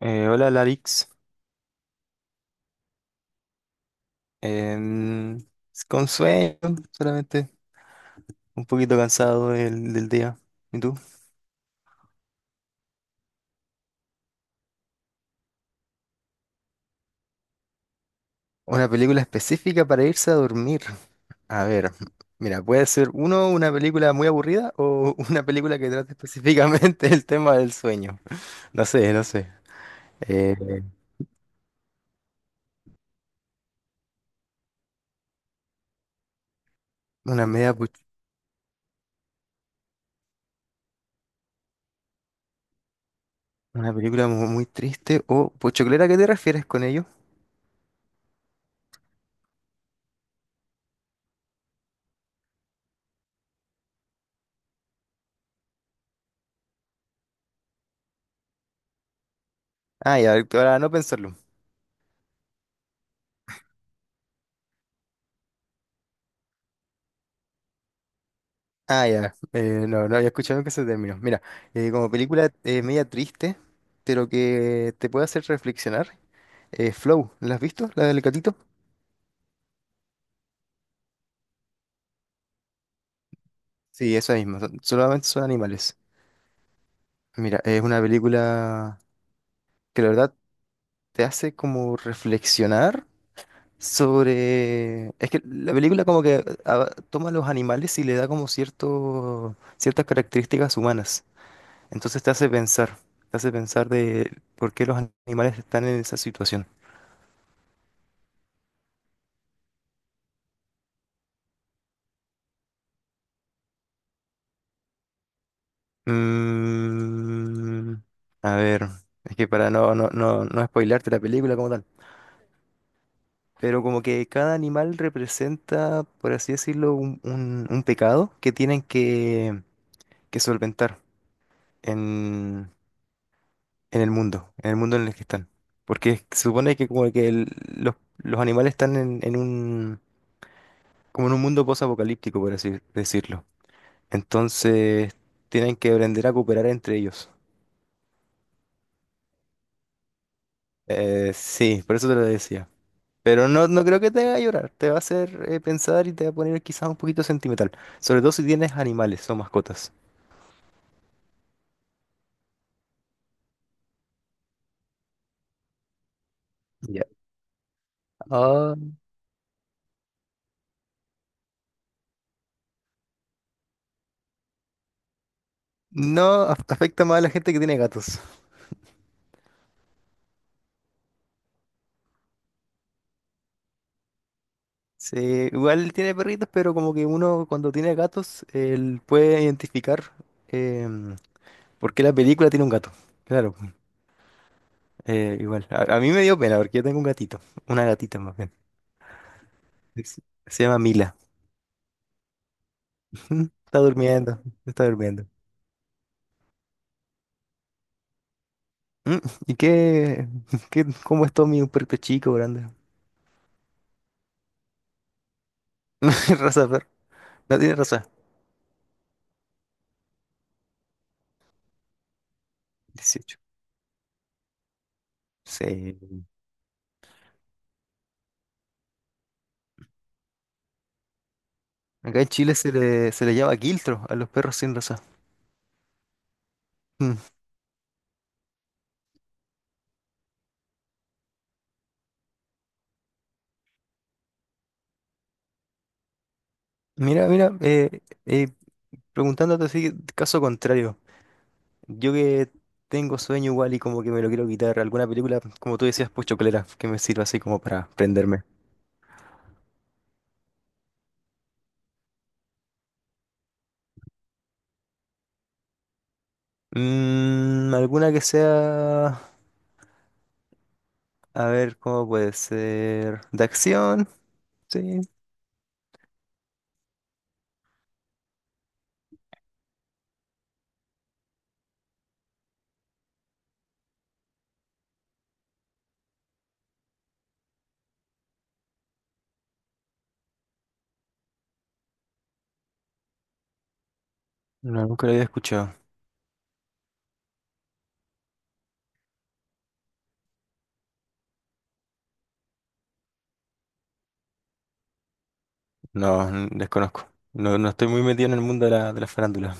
Hola Larix. Em, con sueño solamente, un poquito cansado del día. ¿Y tú? Una película específica para irse a dormir. A ver, mira, puede ser una película muy aburrida o una película que trate específicamente el tema del sueño. No sé, no sé. Eh, una media, pu- una película muy triste o pochoclera, ¿a qué te refieres con ello? Ah, ya, para no pensarlo. Ah, ya. No, no había escuchado que ese término. Mira, como película media triste, pero que te puede hacer reflexionar. Flow, ¿la has visto? ¿La del gatito? Sí, esa misma. Solamente son animales. Mira, es una película que la verdad te hace como reflexionar sobre. Es que la película como que toma a los animales y le da como ciertas características humanas. Entonces te hace pensar de por qué los animales están en esa situación. Mm, a ver, es que para no spoilearte la película como tal, pero como que cada animal representa, por así decirlo, un pecado que tienen que solventar en, en el mundo, en el mundo en el que están. Porque se supone que como que los animales están en un, como en un mundo posapocalíptico, por así decirlo. Entonces tienen que aprender a cooperar entre ellos. Sí, por eso te lo decía. Pero no, no creo que te haga llorar, te va a hacer pensar y te va a poner quizás un poquito sentimental. Sobre todo si tienes animales o mascotas. Ya. Ah. No af- Afecta más a la gente que tiene gatos. Sí, igual tiene perritos, pero como que uno cuando tiene gatos, él puede identificar em, por qué la película tiene un gato. Claro, pues, igual. A mí me dio pena porque yo tengo un gatito, una gatita más bien. Es- Se llama Mila. Está durmiendo, está durmiendo. Mm, ¿Y cómo es todo mi perrito chico, grande? Raza de perro. No tiene raza. 18. Sí. Acá en Chile se le llama quiltro a los perros sin raza. Mm. Mira, mira, preguntándote así, caso contrario. Yo que tengo sueño igual y como que me lo quiero quitar. ¿Alguna película, como tú decías, pues chocolera, que me sirva así como para prenderme? Alguna que sea, a ver, ¿cómo puede ser? ¿De acción? Sí. No, nunca lo había escuchado. No, desconozco. No, no estoy muy metido en el mundo de la farándula.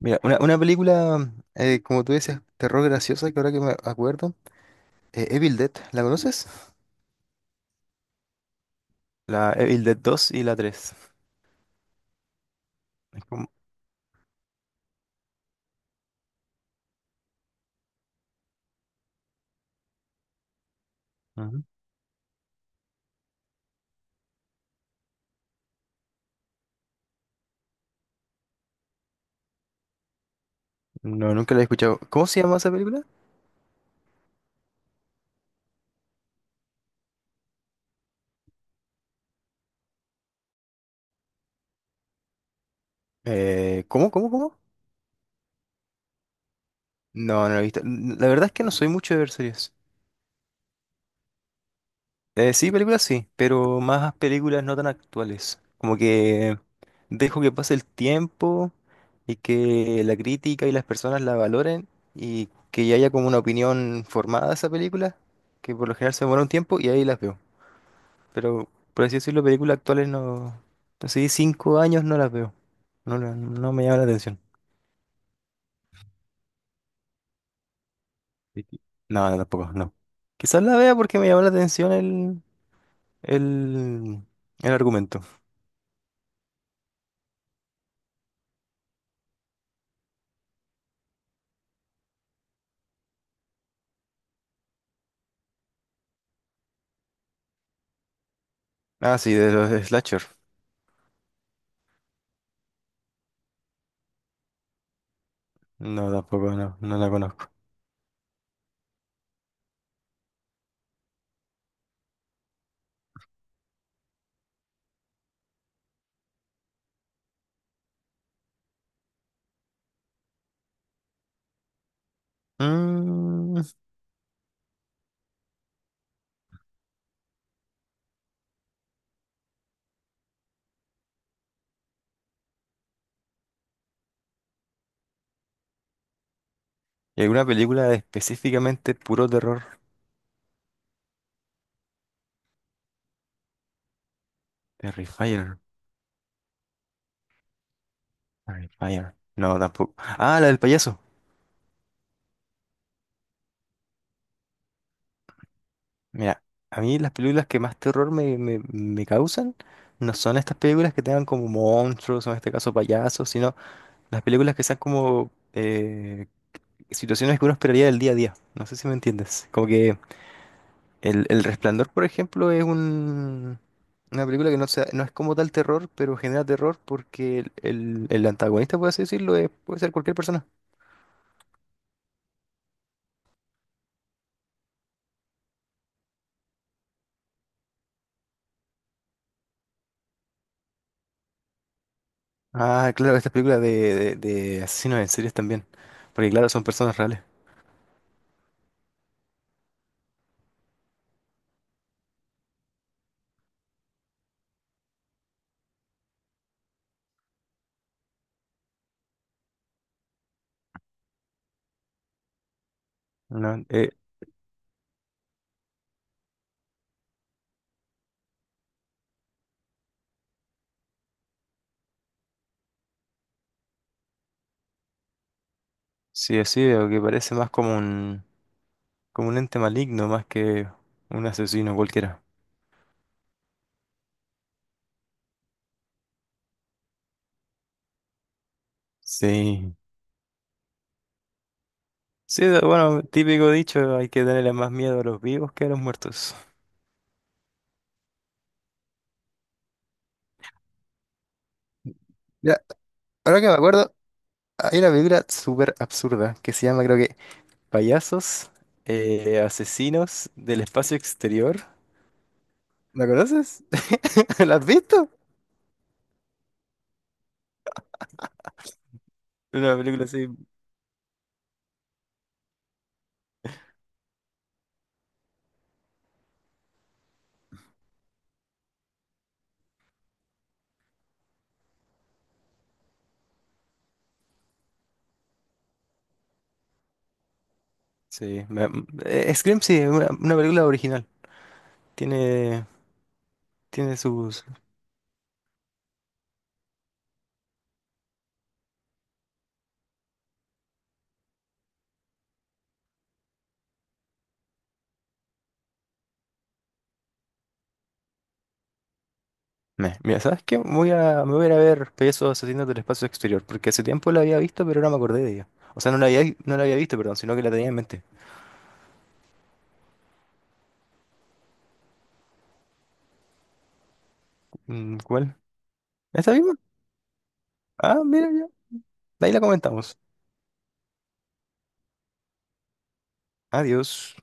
Mira, una película, como tú dices, terror graciosa, que ahora que me acuerdo, Evil Dead, ¿la conoces? La Evil Dead 2 y la 3. Es como. Ujú. No, nunca la he escuchado. ¿Cómo se llama esa película? ¿Cómo, cómo, cómo? No, no la he visto. La verdad es que no soy mucho de ver series. Sí, películas sí, pero más películas no tan actuales. Como que dejo que pase el tiempo y que la crítica y las personas la valoren y que ya haya como una opinión formada de esa película, que por lo general se demora un tiempo y ahí las veo. Pero por así decirlo, películas actuales no. Así 5 años no las veo. No, no me llama la atención. Y qui-. No, no, tampoco, no. Quizás la vea porque me llama la atención el, el argumento. Ah, sí, de los slasher. No, tampoco, no, no la conozco. Mm, ¿Y alguna película específicamente puro terror? Terrifier. Terrifier. No, tampoco. Ah, la del payaso. Mira, a mí las películas que más terror me causan no son estas películas que tengan como monstruos, o en este caso payasos, sino las películas que sean como situaciones que uno esperaría del día a día. No sé si me entiendes. Como que El Resplandor, por ejemplo, es una película que no es como tal terror, pero genera terror porque el antagonista, por así decirlo, puede ser cualquier persona. Ah, claro, estas películas de asesinos en series también. Porque claro, son personas reales. No, sí, así veo que parece más como como un ente maligno, más que un asesino cualquiera. Sí. Sí, bueno, típico dicho, hay que tenerle más miedo a los vivos que a los muertos. Ya, ahora que me acuerdo, hay una película súper absurda que se llama, creo que, Payasos Asesinos del Espacio Exterior. ¿La conoces? ¿La has visto? Una película así. Sí. Scream, sí, es una película original. Tiene, Tiene sus. Mira, ¿sabes qué? Me voy a ir a ver Payasos Asesinos del Espacio Exterior, porque hace tiempo la había visto, pero no me acordé de ella. O sea, no la había visto, perdón, sino que la tenía en mente. ¿Cuál? ¿Esta misma? Ah, mira ya. De ahí la comentamos. Adiós.